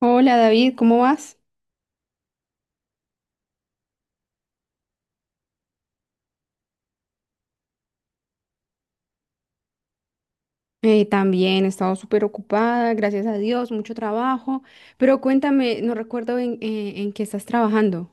Hola David, ¿cómo vas? También he estado súper ocupada, gracias a Dios, mucho trabajo, pero cuéntame, no recuerdo en qué estás trabajando.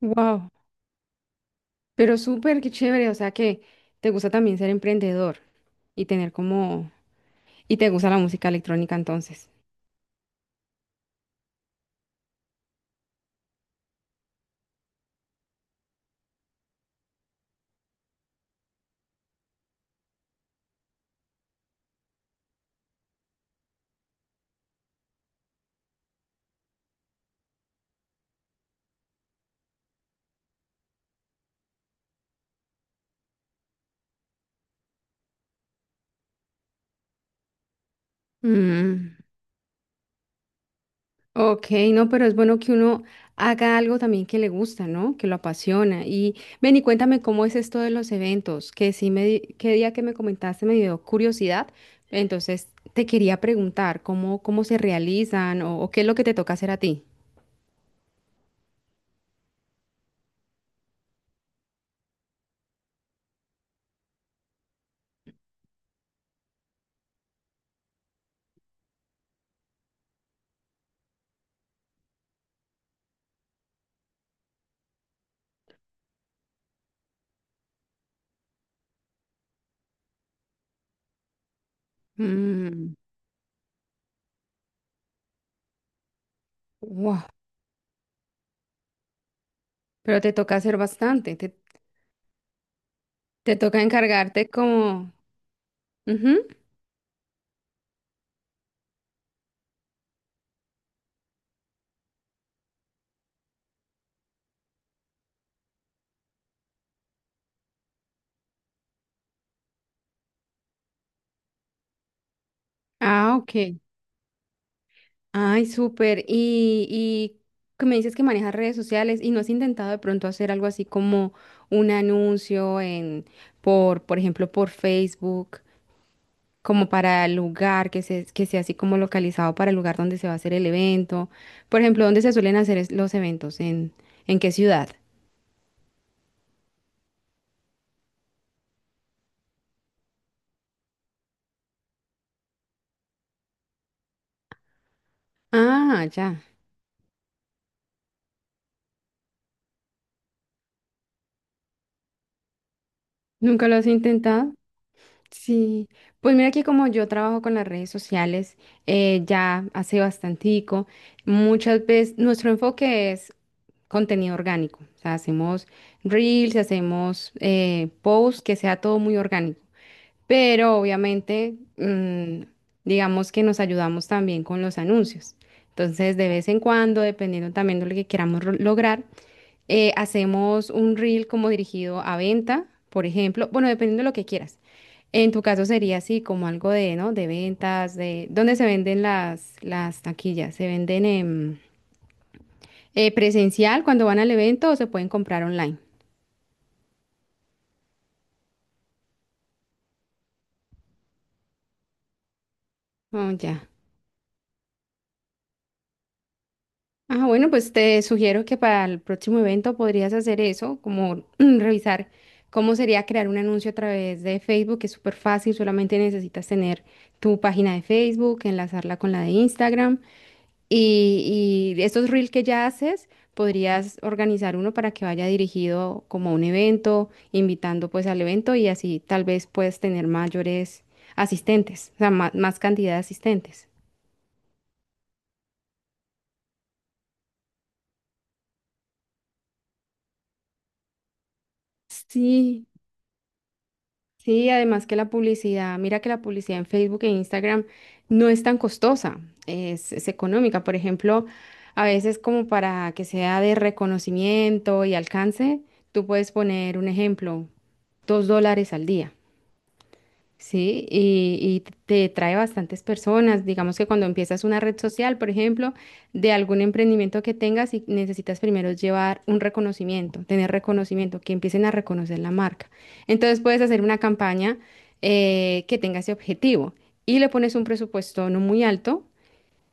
Wow, pero súper, qué chévere, o sea que te gusta también ser emprendedor y tener como... y te gusta la música electrónica entonces. Mm. Ok, no, pero es bueno que uno haga algo también que le gusta, ¿no? Que lo apasiona. Y ven y cuéntame cómo es esto de los eventos, que sí me, di- qué día que me comentaste me dio curiosidad. Entonces te quería preguntar cómo se realizan o qué es lo que te toca hacer a ti. Mm, wow, pero te toca hacer bastante, te toca encargarte como... Ujú. Ah, ok. Ay, súper. Y que me dices que manejas redes sociales y no has intentado de pronto hacer algo así como un anuncio en, por ejemplo, por Facebook, como para el lugar que se, que sea así como localizado para el lugar donde se va a hacer el evento. Por ejemplo, ¿dónde se suelen hacer es- los eventos? En qué ciudad? Ah, ya. ¿Nunca lo has intentado? Sí, pues mira que como yo trabajo con las redes sociales ya hace bastantico, muchas veces nuestro enfoque es contenido orgánico. O sea, hacemos reels, hacemos posts, que sea todo muy orgánico. Pero obviamente, digamos que nos ayudamos también con los anuncios. Entonces, de vez en cuando, dependiendo también de lo que queramos ro- lograr, hacemos un reel como dirigido a venta, por ejemplo. Bueno, dependiendo de lo que quieras. En tu caso sería así, como algo de, ¿no? De ventas, de... ¿Dónde se venden las taquillas? Se venden en... presencial cuando van al evento o se pueden comprar online. Oh, ya. Ah, bueno, pues te sugiero que para el próximo evento podrías hacer eso, como revisar cómo sería crear un anuncio a través de Facebook, que es súper fácil, solamente necesitas tener tu página de Facebook, enlazarla con la de Instagram. Y estos reels que ya haces, podrías organizar uno para que vaya dirigido como a un evento, invitando pues al evento y así tal vez puedes tener mayores asistentes, o sea, ma- más, cantidad de asistentes. Sí, sí, además que la publicidad, mira que la publicidad en Facebook e Instagram no es tan costosa, es económica. Por ejemplo, a veces como para que sea de reconocimiento y alcance, tú puedes poner un ejemplo, dos dólares al día. Sí, y te trae bastantes personas. Digamos que cuando empiezas una red social, por ejemplo, de algún emprendimiento que tengas y necesitas primero llevar un reconocimiento, tener reconocimiento, que empiecen a reconocer la marca. Entonces puedes hacer una campaña que tenga ese objetivo y le pones un presupuesto no muy alto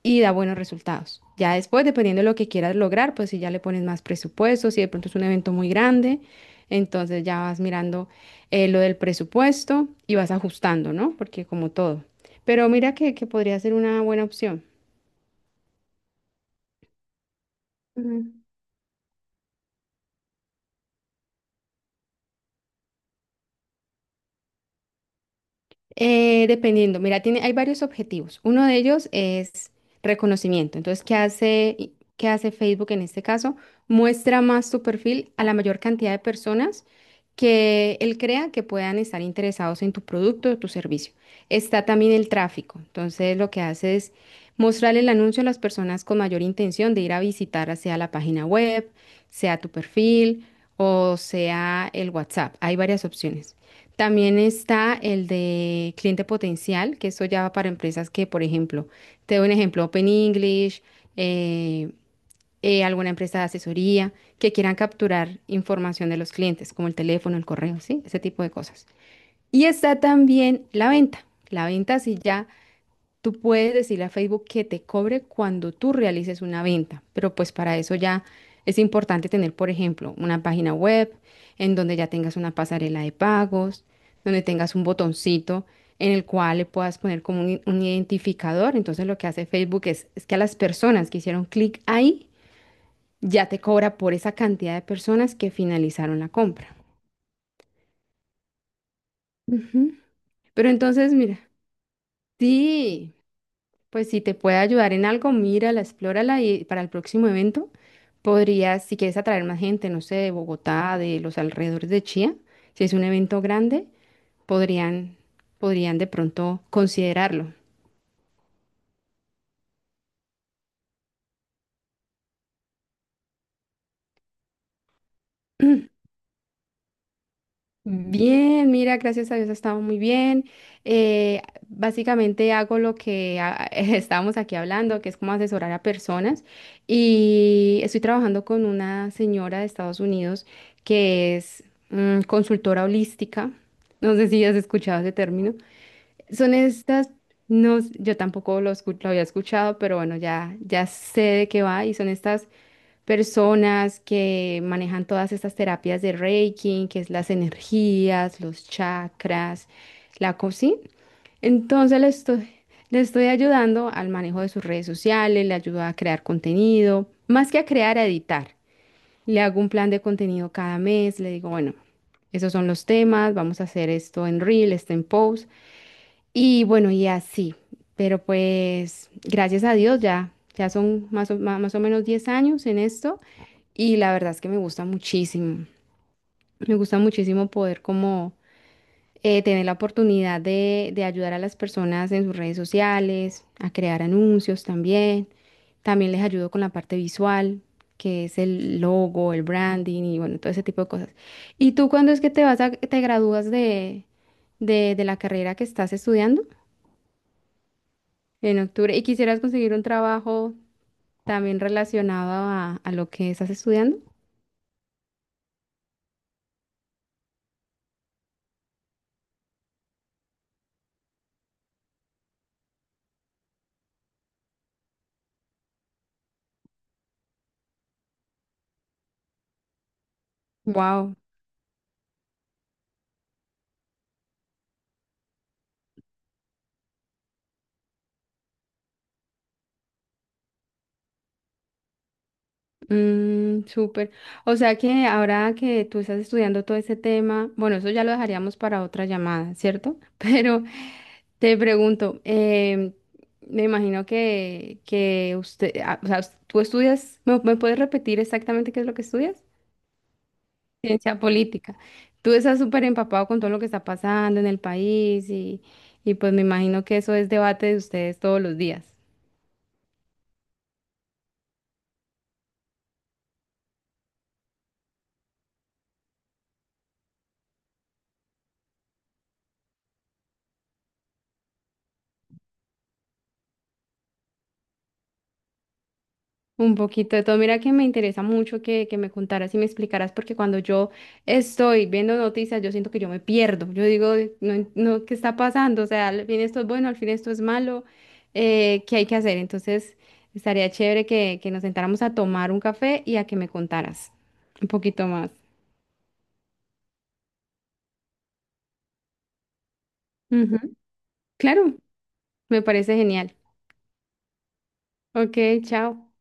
y da buenos resultados. Ya después, dependiendo de lo que quieras lograr, pues si ya le pones más presupuesto, si de pronto es un evento muy grande, entonces ya vas mirando lo del presupuesto y vas ajustando, ¿no? Porque como todo. Pero mira que podría ser una buena opción. Ujú. Dependiendo, mira, tiene, hay varios objetivos. Uno de ellos es reconocimiento. Entonces, ¿qué hace, y- qué hace Facebook en este caso? Muestra más tu perfil a la mayor cantidad de personas que él crea que puedan estar interesados en tu producto o tu servicio. Está también el tráfico. Entonces, lo que hace es mostrar el anuncio a las personas con mayor intención de ir a visitar, sea la página web, sea tu perfil o sea el WhatsApp. Hay varias opciones. También está el de cliente potencial, que eso ya va para empresas que, por ejemplo, te doy un ejemplo, Open English, eh, alguna empresa de asesoría, que quieran capturar información de los clientes, como el teléfono, el correo, ¿sí? Ese tipo de cosas. Y está también la venta. La venta sí ya tú puedes decirle a Facebook que te cobre cuando tú realices una venta, pero pues para eso ya es importante tener, por ejemplo, una página web en donde ya tengas una pasarela de pagos, donde tengas un botoncito en el cual le puedas poner como un identificador. Entonces lo que hace Facebook es que a las personas que hicieron clic ahí, ya te cobra por esa cantidad de personas que finalizaron la compra. Ujú. Pero entonces, mira, sí. Pues si te puede ayudar en algo, mírala, explórala y para el próximo evento podrías, si quieres atraer más gente, no sé, de Bogotá, de los alrededores de Chía, si es un evento grande, podrían, podrían de pronto considerarlo. Bien, mira, gracias a Dios ha estado muy bien. Eh, Básicamente hago lo que ah, estábamos aquí hablando, que es como asesorar a personas. Y estoy trabajando con una señora de Estados Unidos que es consultora holística. No sé si has escuchado ese término. Son estas, no, yo tampoco escu- lo había escuchado, pero bueno, ya sé de qué va y son estas personas que manejan todas estas terapias de Reiki, que es las energías, los chakras, la cocina. Entonces le estoy ayudando al manejo de sus redes sociales, le ayudo a crear contenido, más que a crear, a editar. Le hago un plan de contenido cada mes, le digo, bueno, esos son los temas, vamos a hacer esto en Reel, esto en Post. Y bueno, y así, pero pues gracias a Dios ya son más o, ma- más o menos 10 años en esto y la verdad es que me gusta muchísimo poder como tener la oportunidad de ayudar a las personas en sus redes sociales, a crear anuncios también, también les ayudo con la parte visual, que es el logo, el branding y bueno, todo ese tipo de cosas. ¿Y tú cuándo es que te vas a, te gradúas de, de la carrera que estás estudiando? En octubre. ¿Y quisieras conseguir un trabajo también relacionado a lo que estás estudiando? Wow, mm, súper. O sea que ahora que tú estás estudiando todo ese tema, bueno, eso ya lo dejaríamos para otra llamada, ¿cierto? Pero te pregunto, em, me imagino que usted, ah, o sea, tú estudias, ¿me, me puedes repetir exactamente qué es lo que estudias? Ciencia política. Tú estás súper empapado con todo lo que está pasando en el país y pues me imagino que eso es debate de ustedes todos los días. Un poquito de todo. Mira que me interesa mucho que me contaras y me explicaras porque cuando yo estoy viendo noticias yo siento que yo me pierdo. Yo digo, no, en- no, ¿qué está pasando? O sea, al fin esto es bueno, al fin esto es malo. ¿Qué hay que hacer? Entonces estaría chévere que nos sentáramos a tomar un café y a que me contaras un poquito más. Ujú. Claro, me parece genial. Ok, chao.